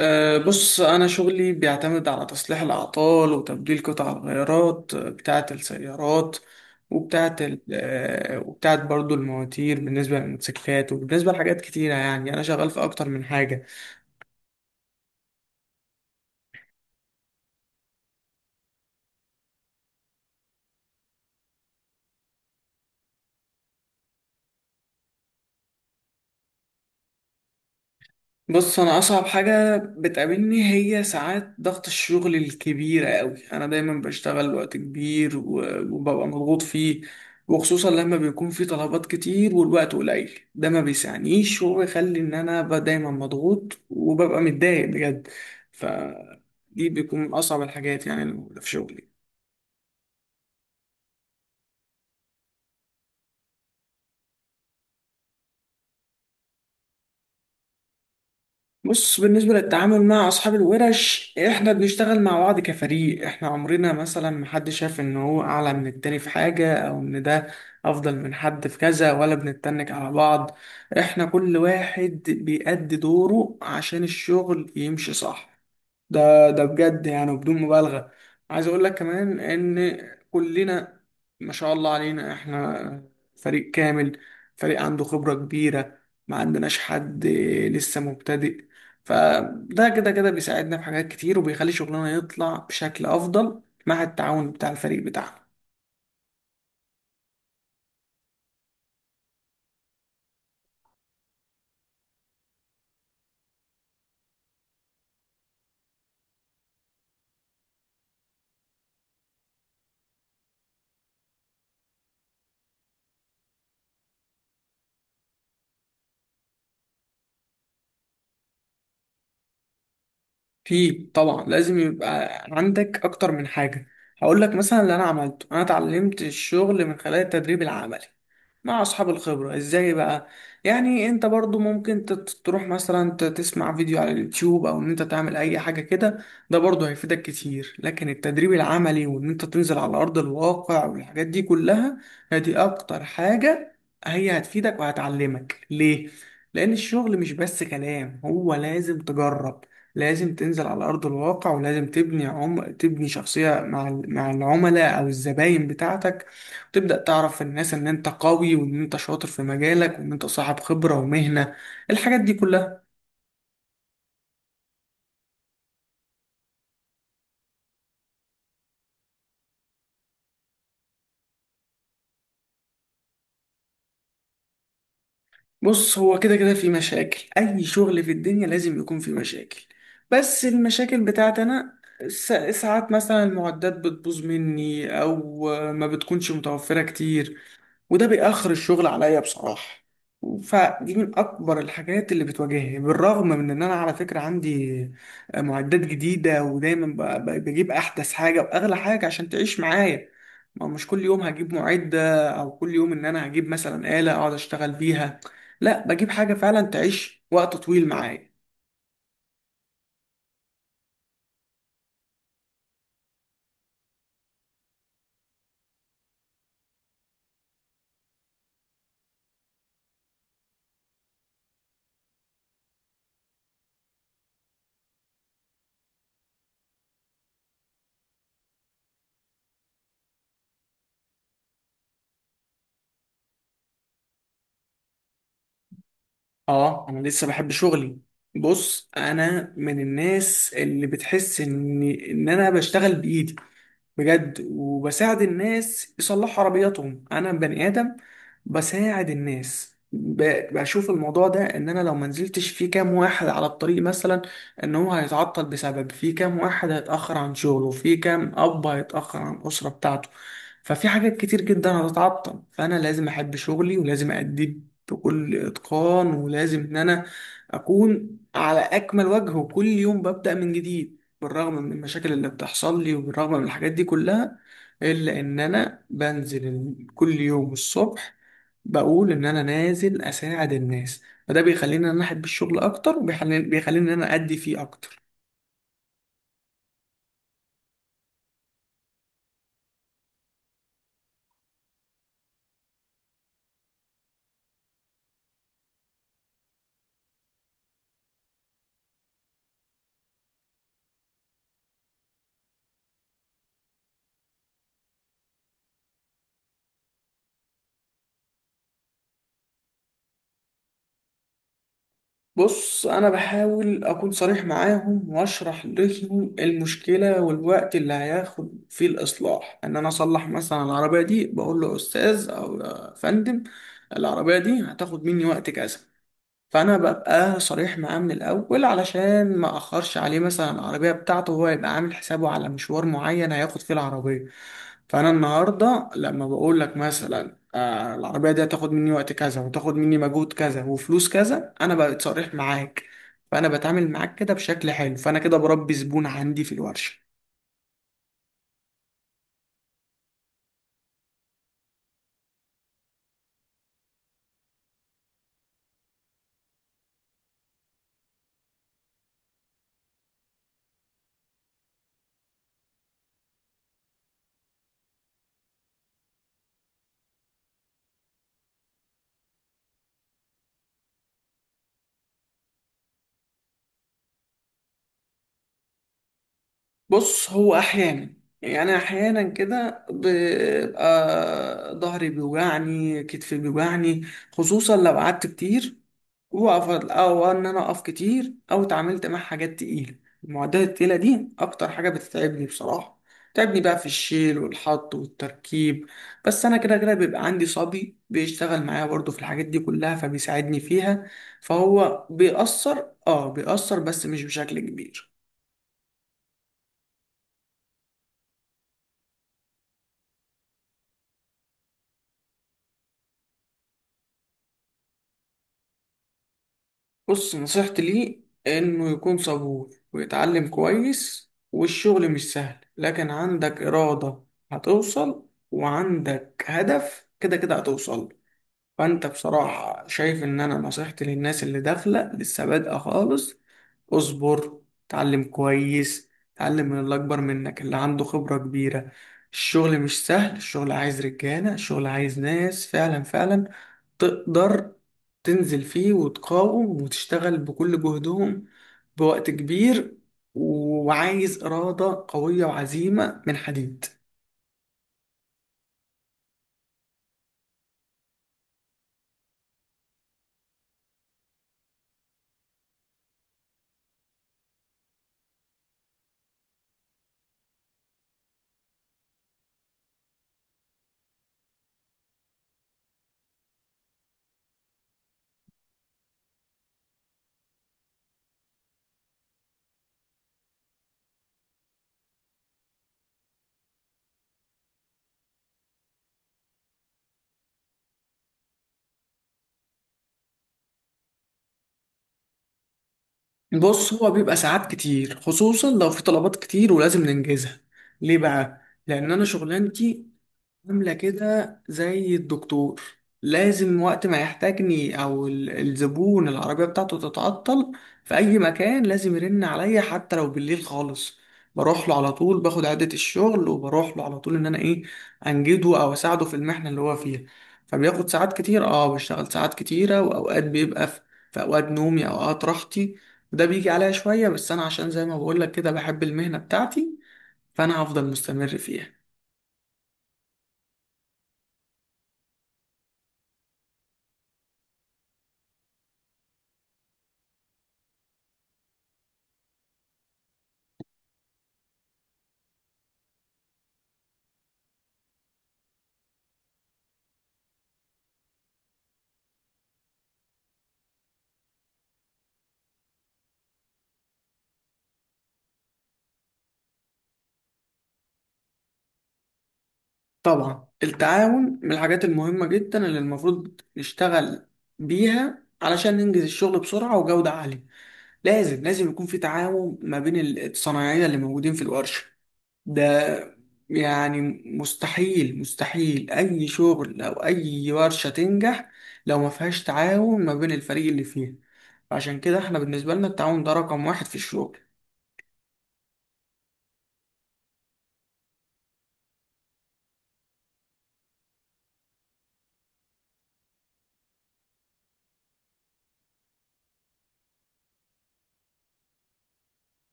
بص، أنا شغلي بيعتمد على تصليح الأعطال وتبديل قطع الغيارات بتاعة السيارات وبتاعة ال- آه، وبتاعة برضو المواتير بالنسبة للموتوسيكلات، وبالنسبة لحاجات كتيرة، يعني أنا شغال في أكتر من حاجة. بص، انا اصعب حاجه بتقابلني هي ساعات ضغط الشغل الكبيره قوي. انا دايما بشتغل وقت كبير، و- وببقى مضغوط فيه، وخصوصا لما بيكون في طلبات كتير والوقت قليل، ده ما بيسعنيش وبيخلي ان انا ابقى دايما مضغوط وببقى متضايق بجد. فدي بيكون من اصعب الحاجات يعني اللي موجودة في شغلي. بص، بالنسبة للتعامل مع أصحاب الورش، إحنا بنشتغل مع بعض كفريق. إحنا عمرنا مثلا محدش شاف إن هو أعلى من التاني في حاجة أو إن ده أفضل من حد في كذا، ولا بنتنك على بعض. إحنا كل واحد بيأدي دوره عشان الشغل يمشي صح. ده بجد يعني بدون مبالغة. عايز اقول لك كمان ان كلنا ما شاء الله علينا، احنا فريق كامل، فريق عنده خبرة كبيرة، ما عندناش حد لسه مبتدئ. فده كده كده بيساعدنا في حاجات كتير، وبيخلي شغلنا يطلع بشكل افضل مع التعاون بتاع الفريق بتاعنا. في طبعا لازم يبقى عندك اكتر من حاجه. هقول لك مثلا اللي انا عملته، انا اتعلمت الشغل من خلال التدريب العملي مع اصحاب الخبره. ازاي بقى؟ يعني انت برضو ممكن تروح مثلا تسمع فيديو على اليوتيوب، او ان انت تعمل اي حاجه كده. ده برضو هيفيدك كتير، لكن التدريب العملي وان انت تنزل على ارض الواقع والحاجات دي كلها هي اكتر حاجه هي هتفيدك وهتعلمك ليه. لان الشغل مش بس كلام، هو لازم تجرب، لازم تنزل على أرض الواقع، ولازم تبني شخصية مع مع العملاء أو الزباين بتاعتك. وتبدأ تعرف الناس إن أنت قوي وإن أنت شاطر في مجالك وإن أنت صاحب خبرة ومهنة، الحاجات دي كلها. بص، هو كده كده في مشاكل، أي شغل في الدنيا لازم يكون في مشاكل. بس المشاكل بتاعتي أنا، س- ساعات مثلا المعدات بتبوظ مني أو ما بتكونش متوفرة كتير، وده بيأخر الشغل عليا بصراحة. فدي من أكبر الحاجات اللي بتواجهني، بالرغم من إن أنا على فكرة عندي معدات جديدة ودايما بجيب أحدث حاجة وأغلى حاجة عشان تعيش معايا. ما مش كل يوم هجيب معدة، أو كل يوم إن أنا هجيب مثلا آلة أقعد أشتغل بيها. لا، بجيب حاجة فعلا تعيش وقت طويل معايا. آه، أنا لسه بحب شغلي. بص، أنا من الناس اللي بتحس إن أنا بشتغل بإيدي بجد وبساعد الناس يصلحوا عربياتهم. انا بني ادم بساعد الناس، بشوف الموضوع ده ان انا لو ما نزلتش في كام واحد على الطريق مثلا، ان هو هيتعطل، بسبب في كام واحد هيتاخر عن شغله، في كام اب هيتاخر عن الاسره بتاعته. ففي حاجات كتير جدا هتتعطل، فانا لازم احب شغلي ولازم اديه بكل اتقان، ولازم ان انا اكون على اكمل وجه وكل يوم ببدا من جديد. بالرغم من المشاكل اللي بتحصل لي وبالرغم من الحاجات دي كلها، إلا إن أنا بنزل كل يوم الصبح بقول إن أنا نازل أساعد الناس. فده بيخليني إن أنا أحب الشغل أكتر، وبيخليني إن أنا أدي فيه أكتر. بص، أنا بحاول أكون صريح معاهم وأشرح لهم المشكلة والوقت اللي هياخد فيه الإصلاح. إن أنا أصلح مثلا العربية دي، بقول له أستاذ أو يا فندم، العربية دي هتاخد مني وقت كذا. فانا ببقى صريح معاه من الاول، علشان ما اخرش عليه مثلا العربيه بتاعته، وهو يبقى عامل حسابه على مشوار معين هياخد فيه العربيه. فانا النهارده لما بقول لك مثلا العربيه دي هتاخد مني وقت كذا، وتاخد مني مجهود كذا وفلوس كذا، انا بقيت صريح معاك. فانا بتعامل معاك كده بشكل حلو، فانا كده بربي زبون عندي في الورشه. بص، هو احيانا كده بيبقى ظهري بيوجعني، كتفي بيوجعني، خصوصا لو قعدت كتير واقف، او ان انا اقف كتير، او اتعاملت مع حاجات تقيله. المعدات التقيله دي اكتر حاجه بتتعبني بصراحه، بتتعبني بقى في الشيل والحط والتركيب. بس انا كده كده بيبقى عندي صبي بيشتغل معايا برضو في الحاجات دي كلها، فبيساعدني فيها. فهو بيأثر، بس مش بشكل كبير. بص، نصيحتي ليه إنه يكون صبور ويتعلم كويس، والشغل مش سهل لكن عندك إرادة هتوصل، وعندك هدف كده كده هتوصل. فأنت بصراحة شايف إن أنا نصيحتي للناس اللي داخلة لسه بادئة خالص. اصبر، اتعلم كويس، اتعلم من اللي أكبر منك، اللي عنده خبرة كبيرة. الشغل مش سهل، الشغل عايز رجالة، الشغل عايز ناس فعلا فعلا تقدر تنزل فيه وتقاوم وتشتغل بكل جهدهم، بوقت كبير. وعايز إرادة قوية وعزيمة من حديد. بص، هو بيبقى ساعات كتير خصوصا لو في طلبات كتير ولازم ننجزها. ليه بقى؟ لأن أنا شغلانتي عاملة كده زي الدكتور، لازم وقت ما يحتاجني أو الزبون العربية بتاعته تتعطل في أي مكان، لازم يرن عليا حتى لو بالليل خالص، بروح له على طول، باخد عدة الشغل وبروح له على طول إن أنا إيه أنجده أو أساعده في المحنة اللي هو فيها. فبياخد ساعات كتير، بشتغل ساعات كتيرة، وأوقات بيبقى في أوقات نومي، أوقات راحتي، وده بيجي عليا شوية بس أنا عشان زي ما بقولك كده بحب المهنة بتاعتي، فأنا هفضل مستمر فيها. طبعا التعاون من الحاجات المهمة جدا اللي المفروض نشتغل بيها علشان ننجز الشغل بسرعة وجودة عالية. لازم لازم يكون في تعاون ما بين الصنايعية اللي موجودين في الورشة. ده يعني مستحيل مستحيل أي شغل أو أي ورشة تنجح لو ما فيهاش تعاون ما بين الفريق اللي فيها. عشان كده احنا بالنسبة لنا التعاون ده رقم واحد في الشغل.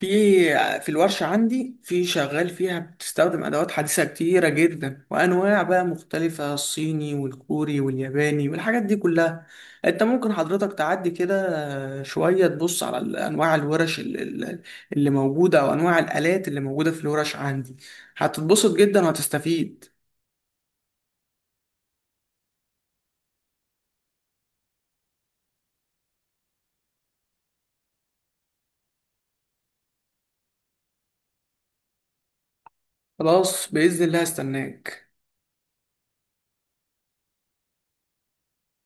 في في الورشة عندي، في شغال فيها بتستخدم أدوات حديثة كتيرة جدا وأنواع بقى مختلفة، الصيني والكوري والياباني والحاجات دي كلها. أنت ممكن حضرتك تعدي كده شوية تبص على أنواع الورش اللي موجودة أو أنواع الآلات اللي موجودة في الورش عندي، هتتبسط جدا وهتستفيد. خلاص، بإذن الله هستناك.